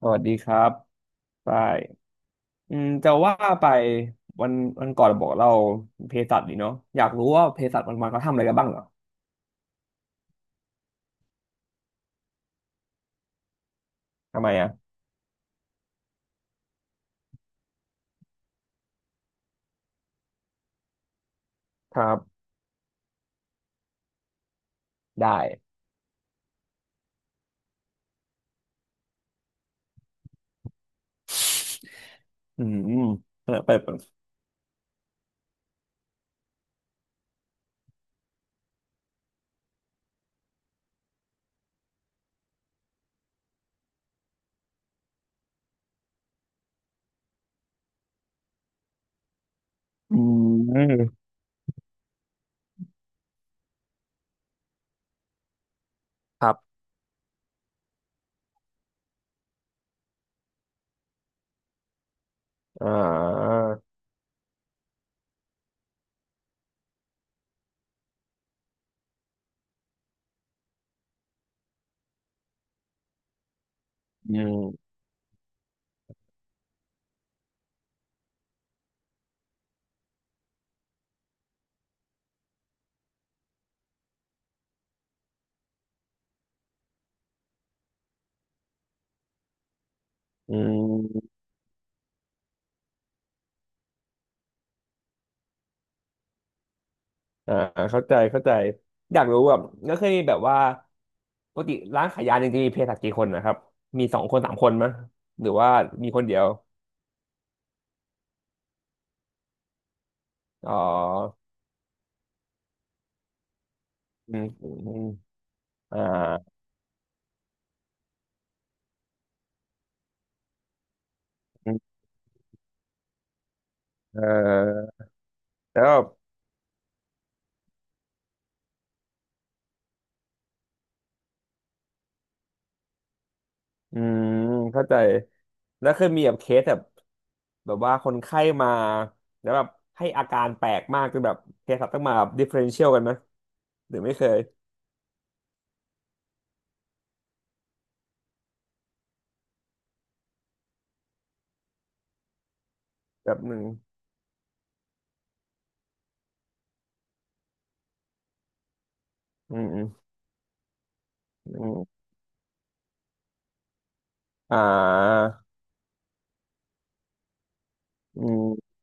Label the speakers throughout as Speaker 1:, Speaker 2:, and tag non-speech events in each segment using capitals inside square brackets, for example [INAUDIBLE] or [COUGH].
Speaker 1: สวัสดีครับไปายอืมจะว่าไปวันวันก่อนบอกเราเภสัชดีเนาะอยากรู้ว่าเภสัชวันวันเขาทำอะไรกันบ้างเหรอทำไมอ่ะครับได้อืมเปิดอืมครับอ่าอืมอืมอ่าเข้าใจเข้าใจอยากรู้แบบก็วเคยมีแบบว่าปกติร้านขายยาจริงๆมีเภสัชกี่คนนะครับมีสองคนสามคนมั้ยหรือว่ามีคนเดียวอ๋ออือืมอืมอ่า เออแล้วแบบอืมเข้าใจแล้วเคยมีแบบเคสแบบแบบว่าคนไข้มาแล้วแบบให้อาการแปลกมากจนแบบเคสต้องมาแบบดิเฟ r เรนเชียลกันไหมหรือไม่เคยแบบหนึ่งอืมอืมอืมอ่าอืม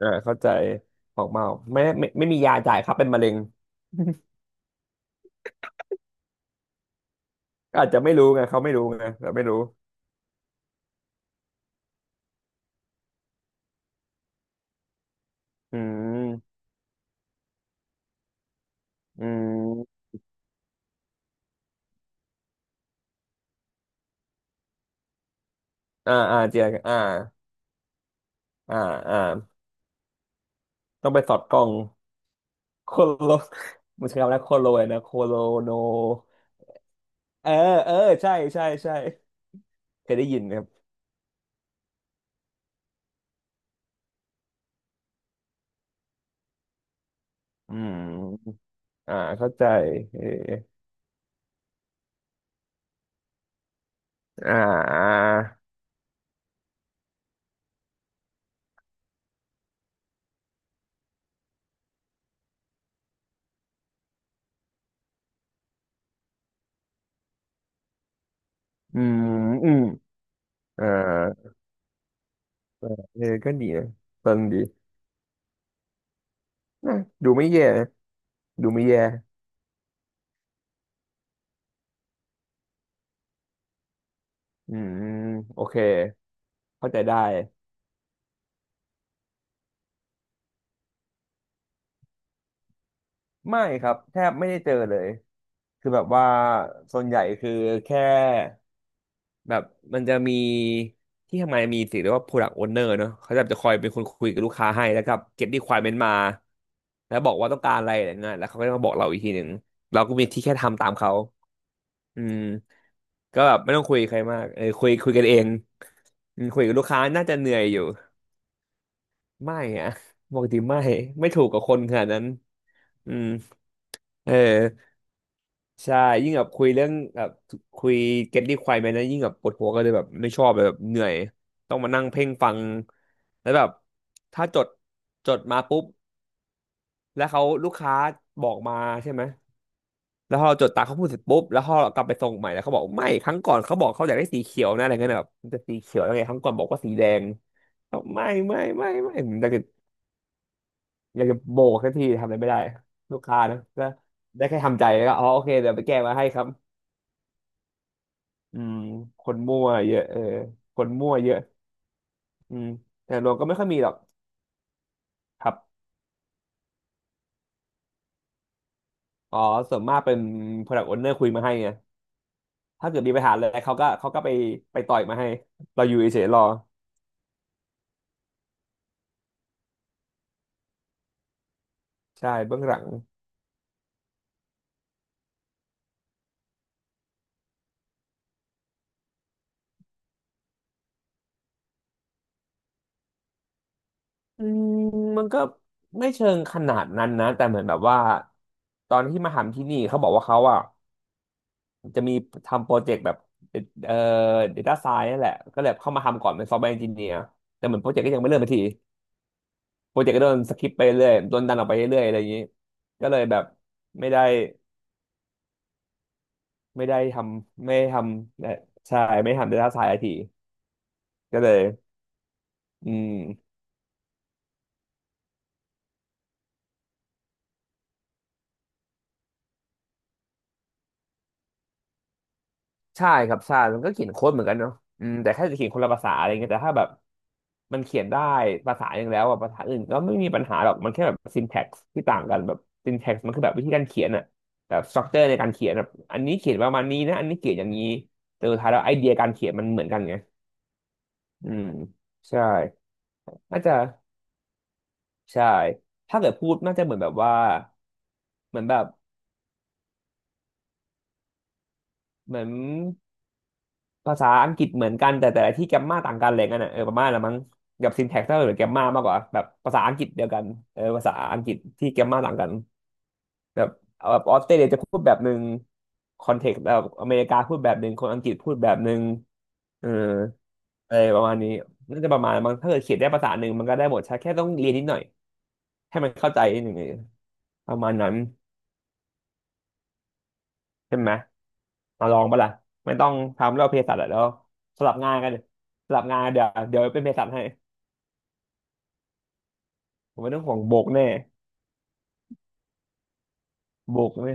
Speaker 1: อ่าเข้าใจออกมาไม่ไม่ไม่มียาจ่ายครับเป็นมะเร็ง [LAUGHS] อาจจะไม่รู้ไงเขาไม่รู้ไงเราไม่รู้อืมอืมอ่าอ่าเจียอ่าอ่าอ่าต้องไปสอดกล้อง โคโลมันใช้คำว่าโคโลเลยนะโคโลโนเออเออใช่เคยได้ยินครับอืมอ่าเข้าใจเอออ่าอืมอืมอ่าเออก็ดีนะฟังดีนะดูไม่แย่นะดูไม่แย่อืมโอเคเข้าใจได้ไม่ครับแทบไม่ได้เจอเลยคือแบบว่าส่วนใหญ่คือแค่ แบบมันจะมีที่ทำงานมีสิ่งเรียกว่า product owner เนอะเขาจะจะคอยเป็นคนคุยกับลูกค้าให้แล้วก็เก็บ requirement มาแล้วบอกว่าต้องการอะไรอะไรเงี้ยแล้วเขาก็จะมาบอกเราอีกทีหนึ่งเราก็มีที่แค่ทำตามเขาอืมก็แบบไม่ต้องคุยกับใครมากเออคุยคุยกันเองอืมคุยกับลูกค้าน่าจะเหนื่อยอยู่ไม่อะปกติไม่ไม่ถูกกับคนขนาดนั้นอืมเออ ใช่ยิ่งแบบคุยเรื่องแบบคุย get requirement นะยิ่งแบบปวดหัวก็เลยแบบไม่ชอบเลยแบบเหนื่อยต้องมานั่งเพ่งฟังแล้วแบบถ้าจดจดมาปุ๊บแล้วเขาลูกค้าบอกมาใช่ไหมแล้วพอเราจดตามเขาพูดเสร็จปุ๊บแล้วพอเรากลับไปส่งใหม่แล้วเขาบอกไม่ครั้งก่อนเขาบอกเขาอยากได้สีเขียวนะอะไรเงี้ยแบบมันจะสีเขียวยังไงครั้งก่อนบอกว่าสีแดงบอกไม่ผมอยากจะอยากจะโบกสักทีทำอะไรไม่ได้ลูกค้านะก็ได้แค่ทำใจแล้วก็อ๋อโอเคเดี๋ยวไปแก้มาให้ครับ อืมคนมั่วเยอะเออคนมั่วเยอะอืมแต่รวมก็ไม่ค่อยมีหรอกครับอ๋อส่วนมากเป็น Product Owner คุยมาให้ไงถ้าเกิดมีปัญหาอะไรเขาก็ไปไปต่อยมาให้เราอยู่เฉยๆรอใช่เบื้องหลังอืมมันก็ไม่เชิงขนาดนั้นนะแต่เหมือนแบบว่าตอนที่มาทำที่นี่เขาบอกว่าเขาอ่ะจะมีทำโปรเจกต์แบบเอ่อ data science นั่นแหละก็เลยเข้ามาทำก่อนเป็น software engineer แต่เหมือนโปรเจกต์ก็ยังไม่เริ่มสัที โปรเจกต์ก็โดนสคิปไปเรื่อย โดนดันออกไปเรื่อยอะไรอย่างนี้ก็เลยแบบไม่ได้ไม่ได้ทไม่ได้ทำใช่ไม่ทำ data science ทีก็เลยอืมใช่ครับใช่มันก็เขียนโค้ดเหมือนกันเนาะอืมแต่แค่จะเขียนคนละภาษาอะไรเงี้ยแต่ถ้าแบบมันเขียนได้ภาษาอย่างแล้วอะภาษาอื่นก็ไม่มีปัญหาหรอกมันแค่แบบ syntax ที่ต่างกันแบบ syntax มันคือแบบวิธีการเขียนอะแบบ structure ในการเขียนแบบอันนี้เขียนประมาณนี้นะอันนี้เขียนอย่างนี้แต่สุดท้ายแล้วไอเดียการเขียนมันเหมือนกันไงอืมใช่ น่าจะใช่ถ้าเกิดพูดน่าจะเหมือนแบบว่าเหมือนแบบเหมือนภาษาอังกฤษเหมือนกันแต่แต่ละที่แกมมาต่างกันอะไรเงี้ยนะเออประมาณละมั้งกับซินแท็กซ์หรือแกมมามากกว่าแบบภาษาอังกฤษเดียวกันเออภาษาอังกฤษที่แกมมาต่างกันแบบเอาแบบออสเตรเลียจะพูดแบบหนึ่งคอนเทกต์แบบอเมริกาพูดแบบหนึ่งคนอังกฤษพูดแบบหนึ่งเอออะไรประมาณนี้น่าจะประมาณมั้งถ้าเกิดเขียนได้ภาษาหนึ่งมันก็ได้หมดใช่แค่ต้องเรียนนิดหน่อยให้มันเข้าใจนิดหนึ่งประมาณนั้นใช่ไหม มาลองปะล่ะไม่ต้องทำแล้วเภสัชอะแล้วสลับงานกันสลับงานเดี๋ยวเป็นเภสัชให้ผมไม่ต้องห่วงโบกแน่โบกแน่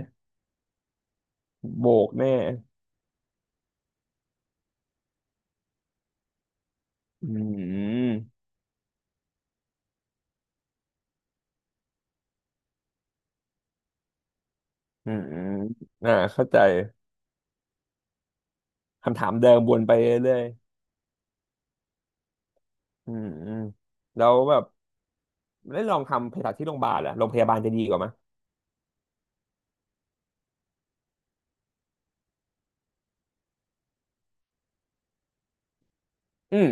Speaker 1: โบกแน่อืมอืมอมอ่าเข้าใจคำถามเดิมวนไปเรื่อยๆอืมอืมแล้วแบบได้ลองทำเภสัชที่โรงพยาบาลอะโรงพยาบาลจะดีกว่าไหมยอืม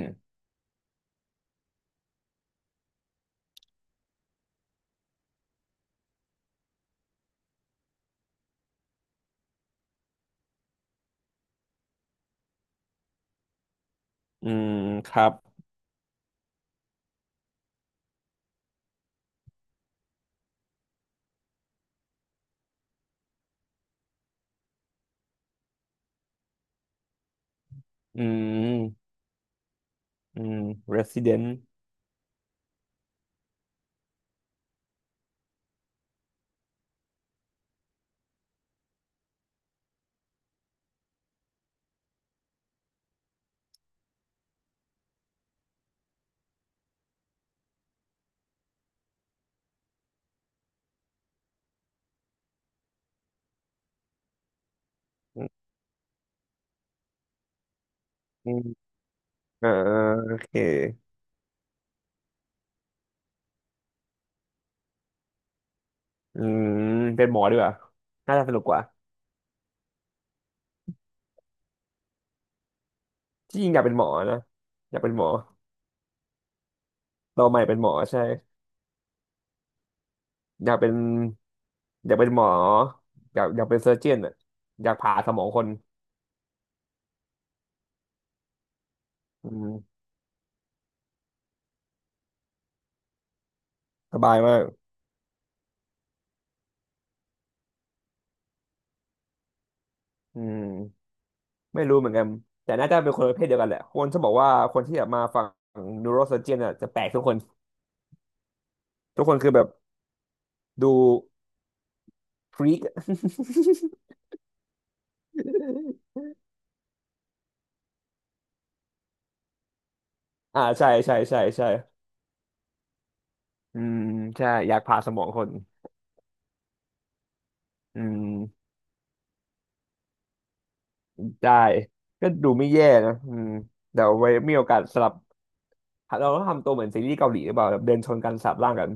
Speaker 1: อืมครับอืมอืม resident อืมอืมเออโอเคอืมเป็นหมอดีกว่าน่าจะสนุกกว่า ที่จริงอยากเป็นหมอนะอยากเป็นหมอเราใหม่เป็นหมอใช่อยากเป็นหมออยากเป็นเซอร์เจียนอ่ะอยากผ่าสมองคนอืมสบายมากอืมไม่รู้เหมือนกันแต่น่าจะเป็นคนประเภทเดียวกันแหละคนจะบอกว่าคนที่แบบมาฝั่งนิวโรเซอร์เจียนอ่ะจะแปลกทุกคนทุกคนคือแบบดูฟรีก [LAUGHS] อ่าใช่อืมใช่อยากผ่าสมองคนอืมได้ก็ดูไม่แย่นะอืมเดี๋ยวไว้มีโอกาสสลับ เราต้องทำตัวเหมือนซีรีส์เกาหลีหรือเปล่าแบบเดินชนกันสาบร่างกัน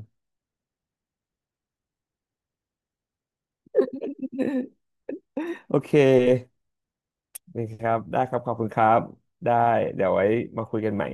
Speaker 1: [LAUGHS] โอเคนะครับได้ครับขอบคุณครับได้เดี๋ยวไว้มาคุยกันใหม่